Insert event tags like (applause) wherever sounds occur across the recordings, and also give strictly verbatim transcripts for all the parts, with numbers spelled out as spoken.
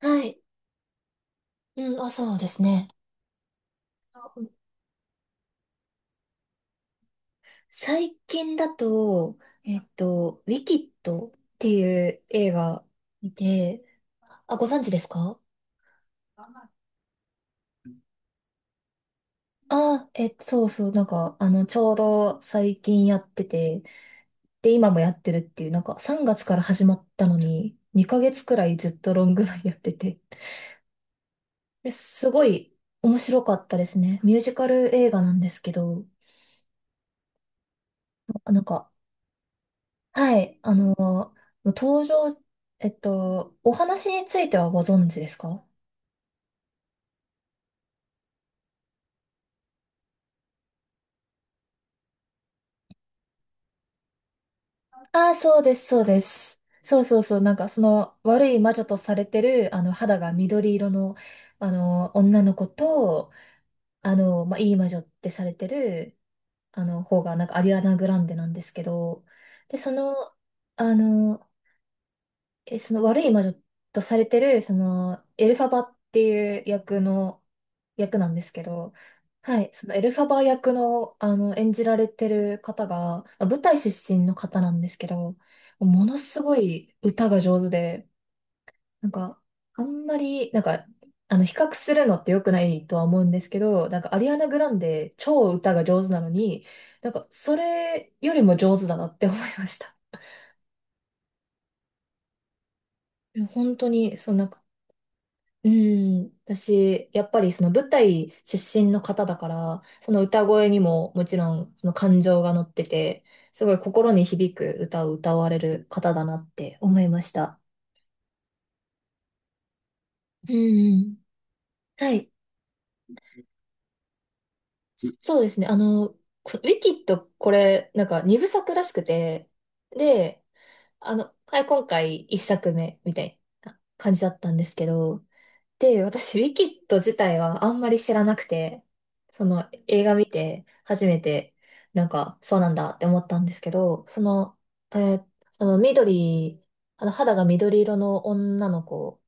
はい。うん、あ、そうですね。あうん最近だと、えっと、ウィキッドっていう映画見て、あ、ご存知ですか？あえ、そうそう、なんか、あの、ちょうど最近やってて、で、今もやってるっていう、なんかさんがつから始まったのに、にかげつくらいずっとロングランやってて、えすごい面白かったですね。ミュージカル映画なんですけど、あなんか、はい、あの、登場、えっと、お話についてはご存知ですか？ああー、そうです、そうです。そうそうそう、なんかその悪い魔女とされてる、あの、肌が緑色の、あの、女の子と、あの、まあ、いい魔女ってされてる、あの、方が、なんかアリアナ・グランデなんですけど、で、その、あの、え、その悪い魔女とされてる、その、エルファバっていう役の、役なんですけど、はい、そのエルファバ役の、あの、演じられてる方が、まあ舞台出身の方なんですけど、ものすごい歌が上手で、なんか、あんまり、なんか、あの、比較するのって良くないとは思うんですけど、なんか、アリアナ・グランデ、超歌が上手なのに、なんか、それよりも上手だなって思いました。いや本当に、そう、なんか、うん、私、やっぱりその舞台出身の方だから、その歌声にももちろんその感情が乗ってて、すごい心に響く歌を歌われる方だなって思いました。うんうん。はい。そうですね。あの、こウィキッド、これ、なんか二部作らしくて、で、あの、はい、今回一作目みたいな感じだったんですけど、で、私、ウィキッド自体はあんまり知らなくて、その映画見て初めて、なんか、そうなんだって思ったんですけど、その、えーその緑、あの肌が緑色の女の子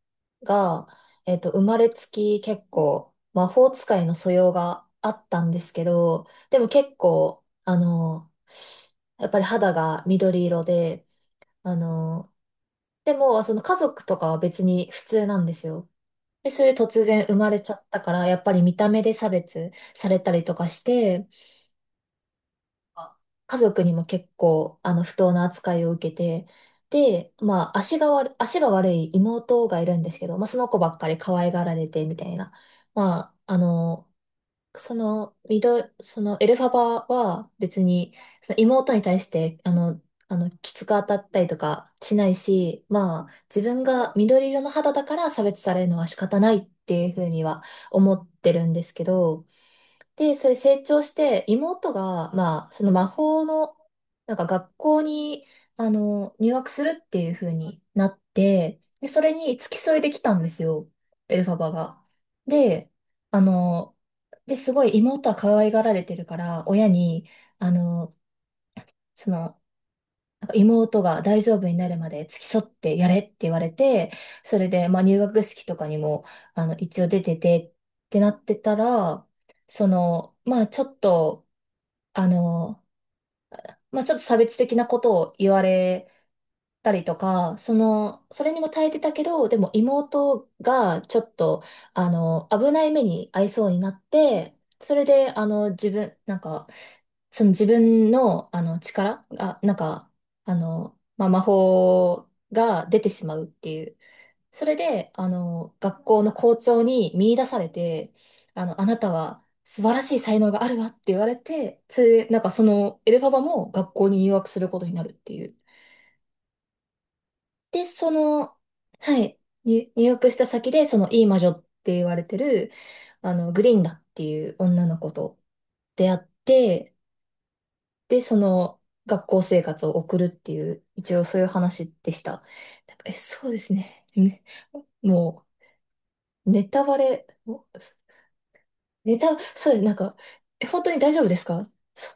が、えっと、生まれつき結構魔法使いの素養があったんですけど、でも結構、あの、やっぱり肌が緑色で、あの、でも、その家族とかは別に普通なんですよ。で、それで突然生まれちゃったから、やっぱり見た目で差別されたりとかして、家族にも結構、あの、不当な扱いを受けて、で、まあ、足が悪い、足が悪い妹がいるんですけど、まあ、その子ばっかり可愛がられて、みたいな。まあ、あの、その、ミド、その、エルファバは別に、その妹に対して、あの、あの、きつく当たったりとかしないし、まあ、自分が緑色の肌だから差別されるのは仕方ないっていうふうには思ってるんですけど、で、それ成長して、妹が、まあ、その魔法の、なんか学校に、あの、入学するっていう風になって、で、それに付き添いできたんですよ、エルファバが。で、あの、で、すごい妹は可愛がられてるから、親に、あの、その、なんか妹が大丈夫になるまで付き添ってやれって言われて、それで、まあ、入学式とかにも、あの、一応出ててってなってたら、その、まあ、ちょっと、あの、まあ、ちょっと差別的なことを言われたりとか、その、それにも耐えてたけど、でも妹がちょっと、あの、危ない目に遭いそうになって、それで、あの、自分、なんか、その自分の、あの、力が、なんか、あの、まあ、魔法が出てしまうっていう。それで、あの、学校の校長に見出されて、あの、あなたは素晴らしい才能があるわって言われて、それで、なんかそのエルファバも学校に入学することになるっていう。で、その、はい、に入学した先で、そのいい魔女って言われてる、あの、グリンダっていう女の子と出会って、で、その学校生活を送るっていう、一応そういう話でした。なんかえ、そうですね。ねもう、ネタバレ、おネタ、そうです。なんか、え、本当に大丈夫ですか？そ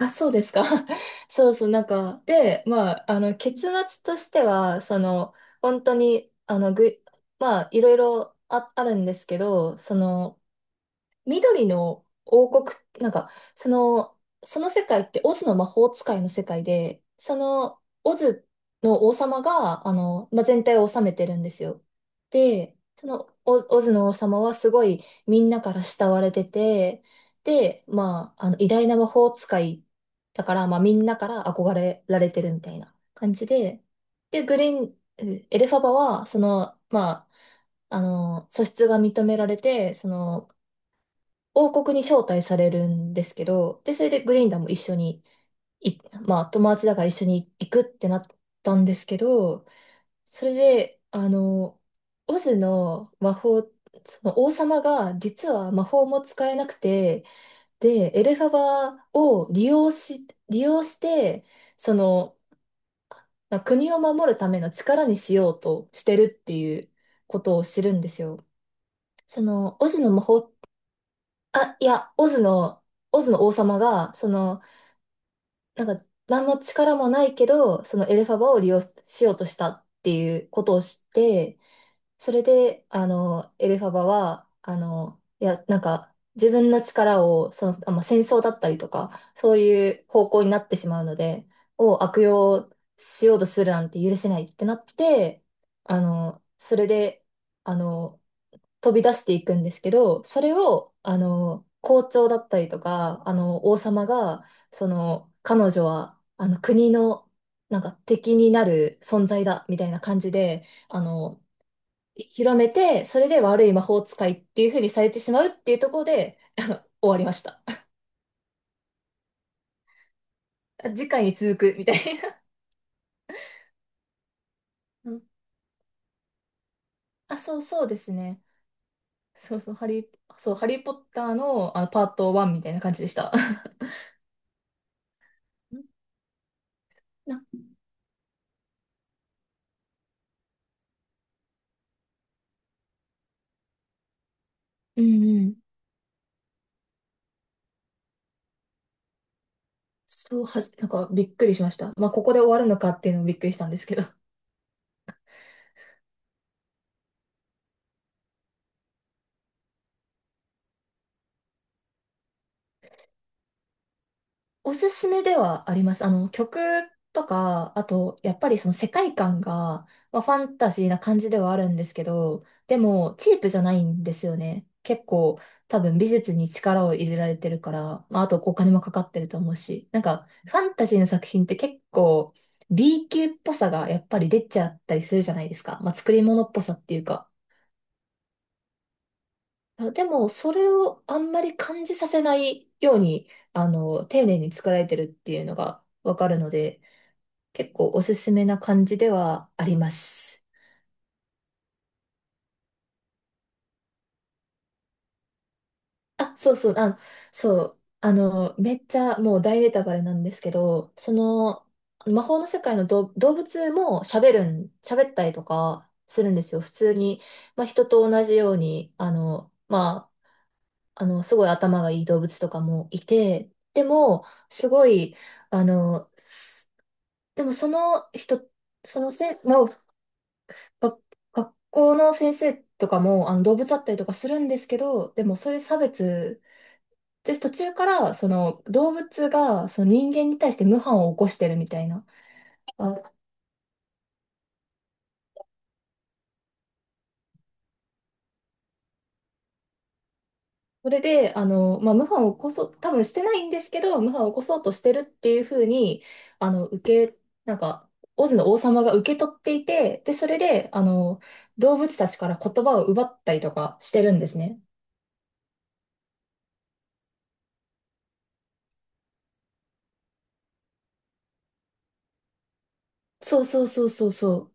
あ、そうですか？ (laughs) そうそう、なんか、で、まあ、あの、結末としては、その、本当に、あの、ぐ、まあ、いろいろあ、あるんですけど、その、緑の王国、なんか、その、その世界ってオズの魔法使いの世界で、その、オズの王様が、あの、まあ、全体を治めてるんですよ。で、その、オ、オズの王様はすごいみんなから慕われてて、で、まあ、あの、偉大な魔法使いだから、まあ、みんなから憧れられてるみたいな感じで、で、グリーン、えエルファバは、その、まあ、あの、素質が認められて、その、王国に招待されるんですけど、で、それでグリンダムも一緒に、い、まあ、友達だから一緒に行くってなったんですけど、それで、あの、オズの魔法、その王様が実は魔法も使えなくて、で、エルファバを利用し、利用して、その、まあ国を守るための力にしようとしてるっていうことを知るんですよ。その、オズの魔法あ、いや、オズの、オズの王様が、その、なんか、何の力もないけど、そのエルファバを利用しようとしたっていうことを知って、それで、あの、エルファバは、あの、いや、なんか、自分の力を、その、あ、まあ、戦争だったりとか、そういう方向になってしまうので、を悪用しようとするなんて許せないってなって、あの、それで、あの、飛び出していくんですけど、それを、あの、校長だったりとか、あの、王様が、その、彼女は、あの、国の、なんか敵になる存在だ、みたいな感じで、あの、広めて、それで悪い魔法使いっていう風にされてしまうっていうところで終わりました。(laughs) 次回に続く、みたいな。うん、あ、そうそうですね。そうそう、ハリー、そう、ハリーポッターの、あの、パートワンみたいな感じでした。(laughs) なうんうん。そうはじなんかびっくりしました。まあ、ここで終わるのかっていうのもびっくりしたんですけど。(laughs) おすすめではあります。あの、曲とか、あと、やっぱりその世界観が、まあ、ファンタジーな感じではあるんですけど、でも、チープじゃないんですよね。結構、多分美術に力を入れられてるから、まあ、あとお金もかかってると思うし、なんか、ファンタジーの作品って結構、B 級っぽさがやっぱり出ちゃったりするじゃないですか。まあ、作り物っぽさっていうか。あでも、それをあんまり感じさせないように、あの、丁寧に作られてるっていうのがわかるので、結構おすすめな感じではあります。あ、そうそう、あ、そう、あの、めっちゃもう大ネタバレなんですけど、その、魔法の世界の動動物も喋るん、喋ったりとかするんですよ。普通に、まあ、人と同じように、あの、まあの、すごい頭がいい動物とかもいて、でも、すごい、あの、すでもその人、そのせん、まあ、が学校の先生とかも、あの、動物だったりとかするんですけど、でもそういう差別、で、途中から、その、動物が、その人間に対して無反を起こしてるみたいな、あ、それで、あの、まあ、謀反を起こそう、多分してないんですけど、謀反を起こそうとしてるっていうふうに、あの、受け、なんか、オズの王様が受け取っていて、で、それで、あの、動物たちから言葉を奪ったりとかしてるんですね。そうそうそうそうそう。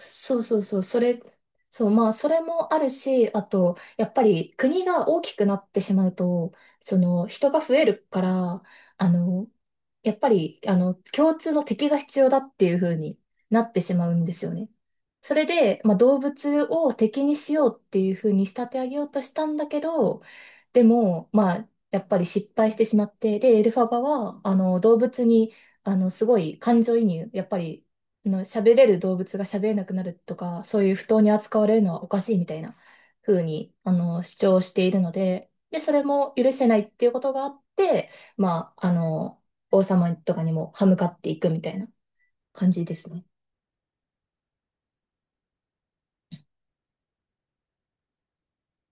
そうそうそう。それ、そう、まあ、それもあるし、あと、やっぱり国が大きくなってしまうと、その、人が増えるから、あの、やっぱり、あの、共通の敵が必要だっていう風になってしまうんですよね。それで、まあ、動物を敵にしようっていう風に仕立て上げようとしたんだけど、でも、まあ、やっぱり失敗してしまって、で、エルファバは、あの、動物に、あの、すごい感情移入、やっぱり、あの、喋れる動物が喋れなくなるとか、そういう不当に扱われるのはおかしいみたいな風に、あの、主張しているので、で、それも許せないっていうことがあって、まあ、あの、王様とかにも歯向かっていくみたいな感じですね。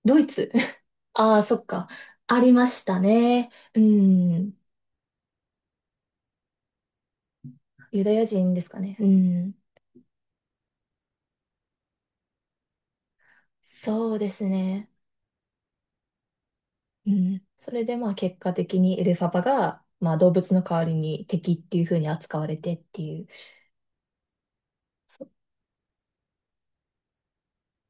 ドイツ。 (laughs) ああ、そっか。ありましたね。うん。ユダヤ人ですかね。うん。そうですね。うん。それでまあ結果的にエルファバが、まあ動物の代わりに敵っていう風に扱われてっていう。